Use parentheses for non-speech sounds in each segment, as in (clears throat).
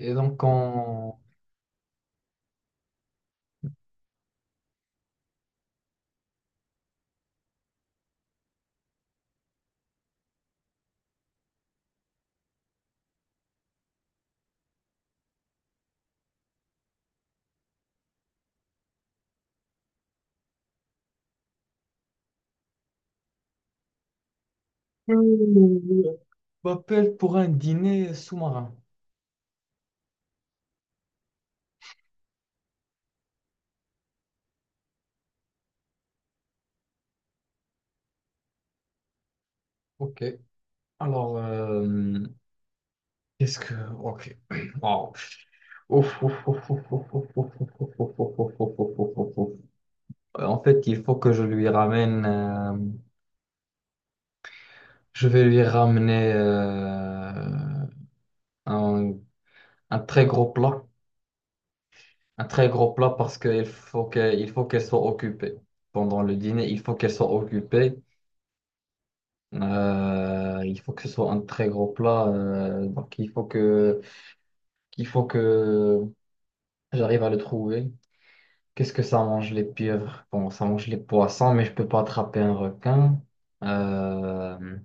Et donc, on Euh, m'appelle pour un dîner sous-marin. Ok. Alors, euh, qu'est-ce que... Ok. (clears throat) Wow. Ouf, ouf, ouf, ouf, ouf, ouf, ouf, ouf, ouf, ouf, ouf, ouf, ouf, ouf, ouf, ouf. En fait, il faut que je lui ramène... Je vais lui ramener un, un très gros plat. Un très gros plat parce il faut qu'elle soit occupée. Pendant le dîner, il faut qu'elle soit occupée. Il faut que ce soit un très gros plat. Il faut que j'arrive à le trouver. Qu'est-ce que ça mange, les pieuvres? Bon, ça mange les poissons, mais je peux pas attraper un requin. Euh,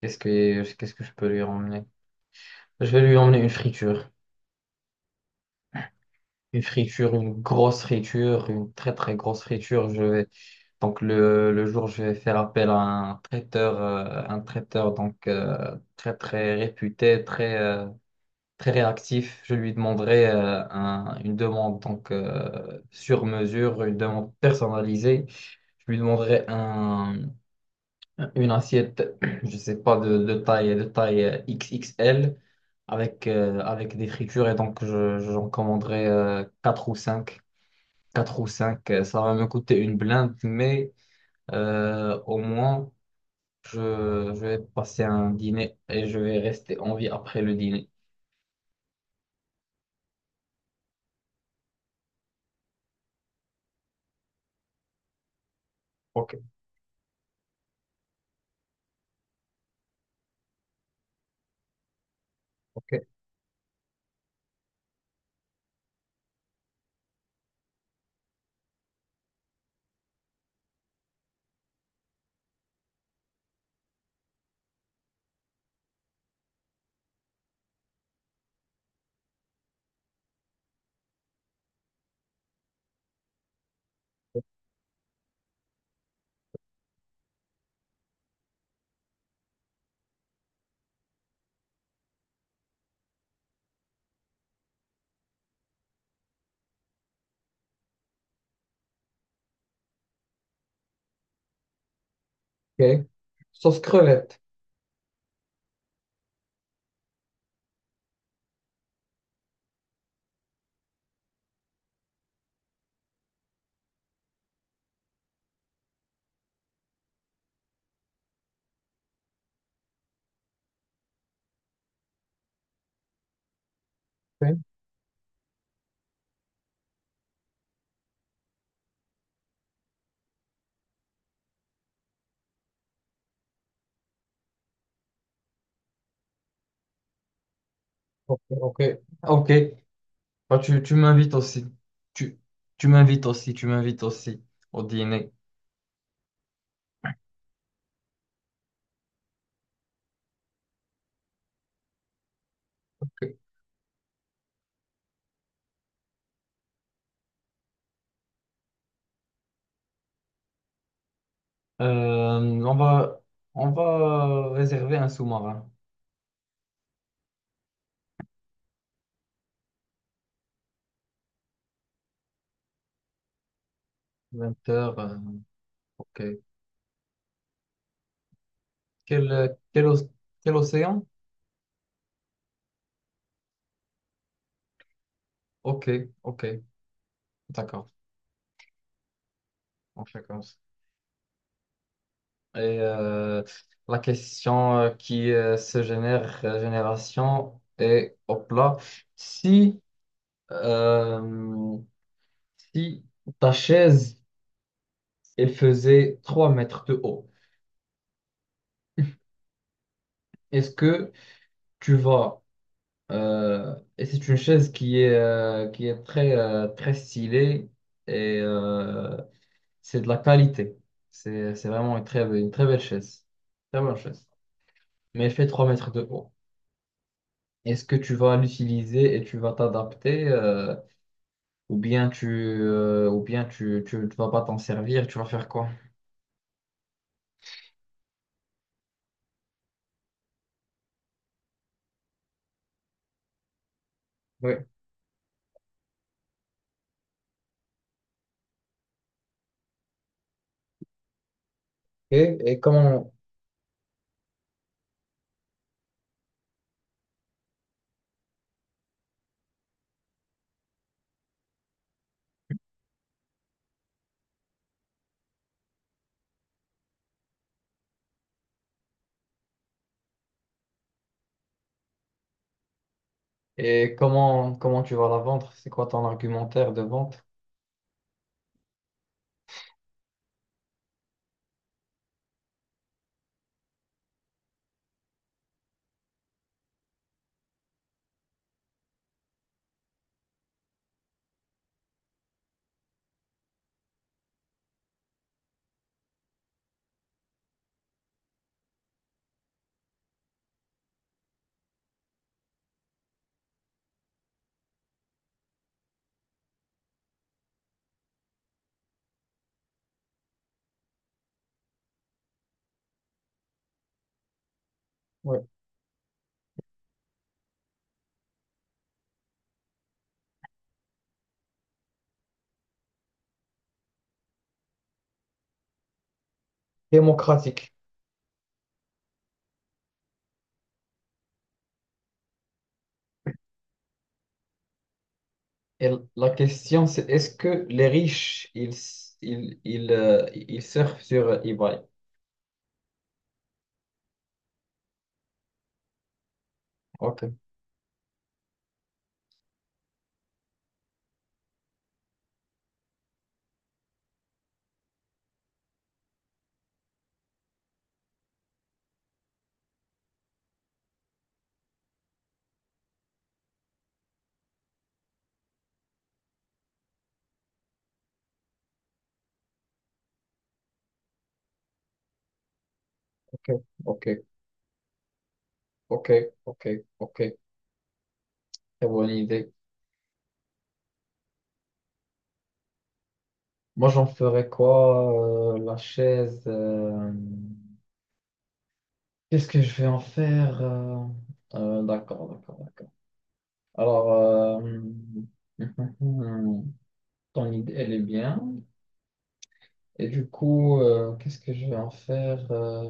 Qu'est-ce que je peux lui emmener? Je vais lui emmener une friture. Une friture, une grosse friture, une très très grosse friture. Donc le jour, je vais faire appel à un traiteur donc très très réputé, très réactif. Je lui demanderai une demande donc sur mesure, une demande personnalisée. Je lui demanderai une assiette, (clears throat) je sais pas, de taille XXL avec avec des fritures, et donc j'en commanderai 4 ou 5, 4 ou 5. Ça va me coûter une blinde, mais au moins je vais passer un dîner et je vais rester en vie après le dîner. Ok, ok, ok. Sauce crevette. Ok, ok, ok. Ok. Bah, tu m'invites aussi. Tu, Tu m'invites aussi, tu m'invites aussi au dîner. Ok. Euh, on va, on va réserver un sous-marin. 20 heures, ok. Quel, quel, oc- Quel océan? Ok, ok, d'accord. On fait comme ça. Et la question qui se génère, génération, est, hop là, si, euh, si ta chaise et faisait 3 mètres de haut. Est-ce que tu vas... Et c'est une chaise qui est très stylée, et euh, c'est de la qualité. C'est vraiment une très belle chaise. Très bonne chaise. Mais elle fait 3 mètres de haut. Est-ce que tu vas l'utiliser et tu vas t'adapter, ou bien tu, ou bien tu, tu, tu vas pas t'en servir, tu vas faire quoi? Oui. Et, et comment, et comment, comment tu vas la vendre? C'est quoi, ton argumentaire de vente? Démocratique. Et la question, c'est: est-ce que les riches, ils surfent sur eBay? Ok, ok, ok, ok, ok, ok. Très bonne idée. Moi, j'en ferais quoi? La chaise. Qu'est-ce que je vais en faire? D'accord, d'accord, d'accord. Alors, euh, (laughs) Ton idée, elle est bien. Et du coup, qu'est-ce que je vais en faire?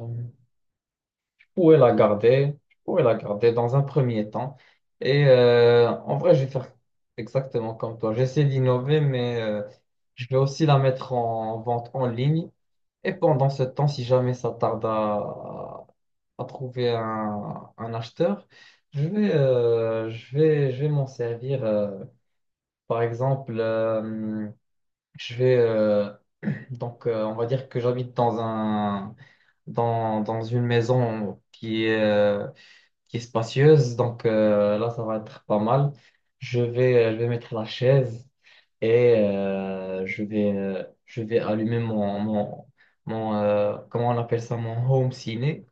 Pourrais la garder, je pourrais la garder dans un premier temps. Et en vrai, je vais faire exactement comme toi. J'essaie d'innover, mais je vais aussi la mettre en vente en ligne. Et pendant ce temps, si jamais ça tarde à trouver un acheteur, je vais m'en servir. Par exemple, je vais, donc, On va dire que j'habite dans un dans une maison qui est spacieuse. Donc là, ça va être pas mal. Je vais mettre la chaise et je vais allumer comment on appelle ça, mon home ciné.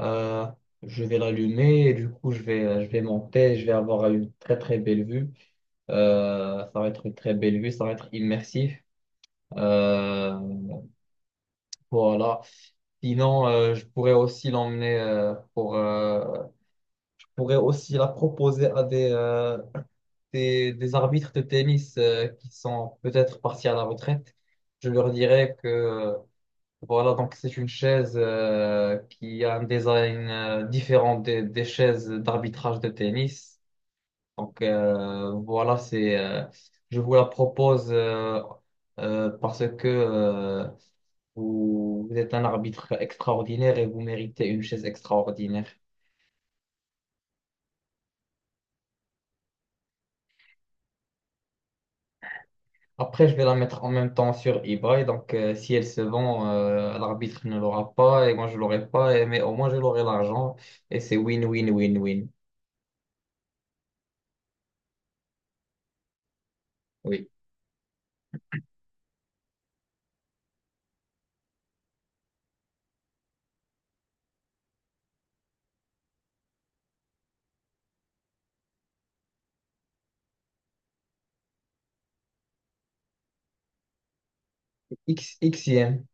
Euh, je vais l'allumer et du coup, je vais monter. Je vais avoir une très très belle vue. Ça va être une très belle vue. Ça va être immersif. Euh, voilà. Sinon, je pourrais aussi l'emmener pour. Je pourrais aussi la proposer à des arbitres de tennis qui sont peut-être partis à la retraite, je leur dirais que voilà, donc c'est une chaise qui a un design différent des chaises d'arbitrage de tennis. Donc voilà, c'est je vous la propose, parce que vous, vous êtes un arbitre extraordinaire et vous méritez une chaise extraordinaire. Après, je vais la mettre en même temps sur eBay. Donc, si elle se vend, l'arbitre ne l'aura pas et moi, je l'aurai pas. Et- mais au moins, je l'aurai, l'argent. Et c'est win, win, win, win. Oui. X, Xm.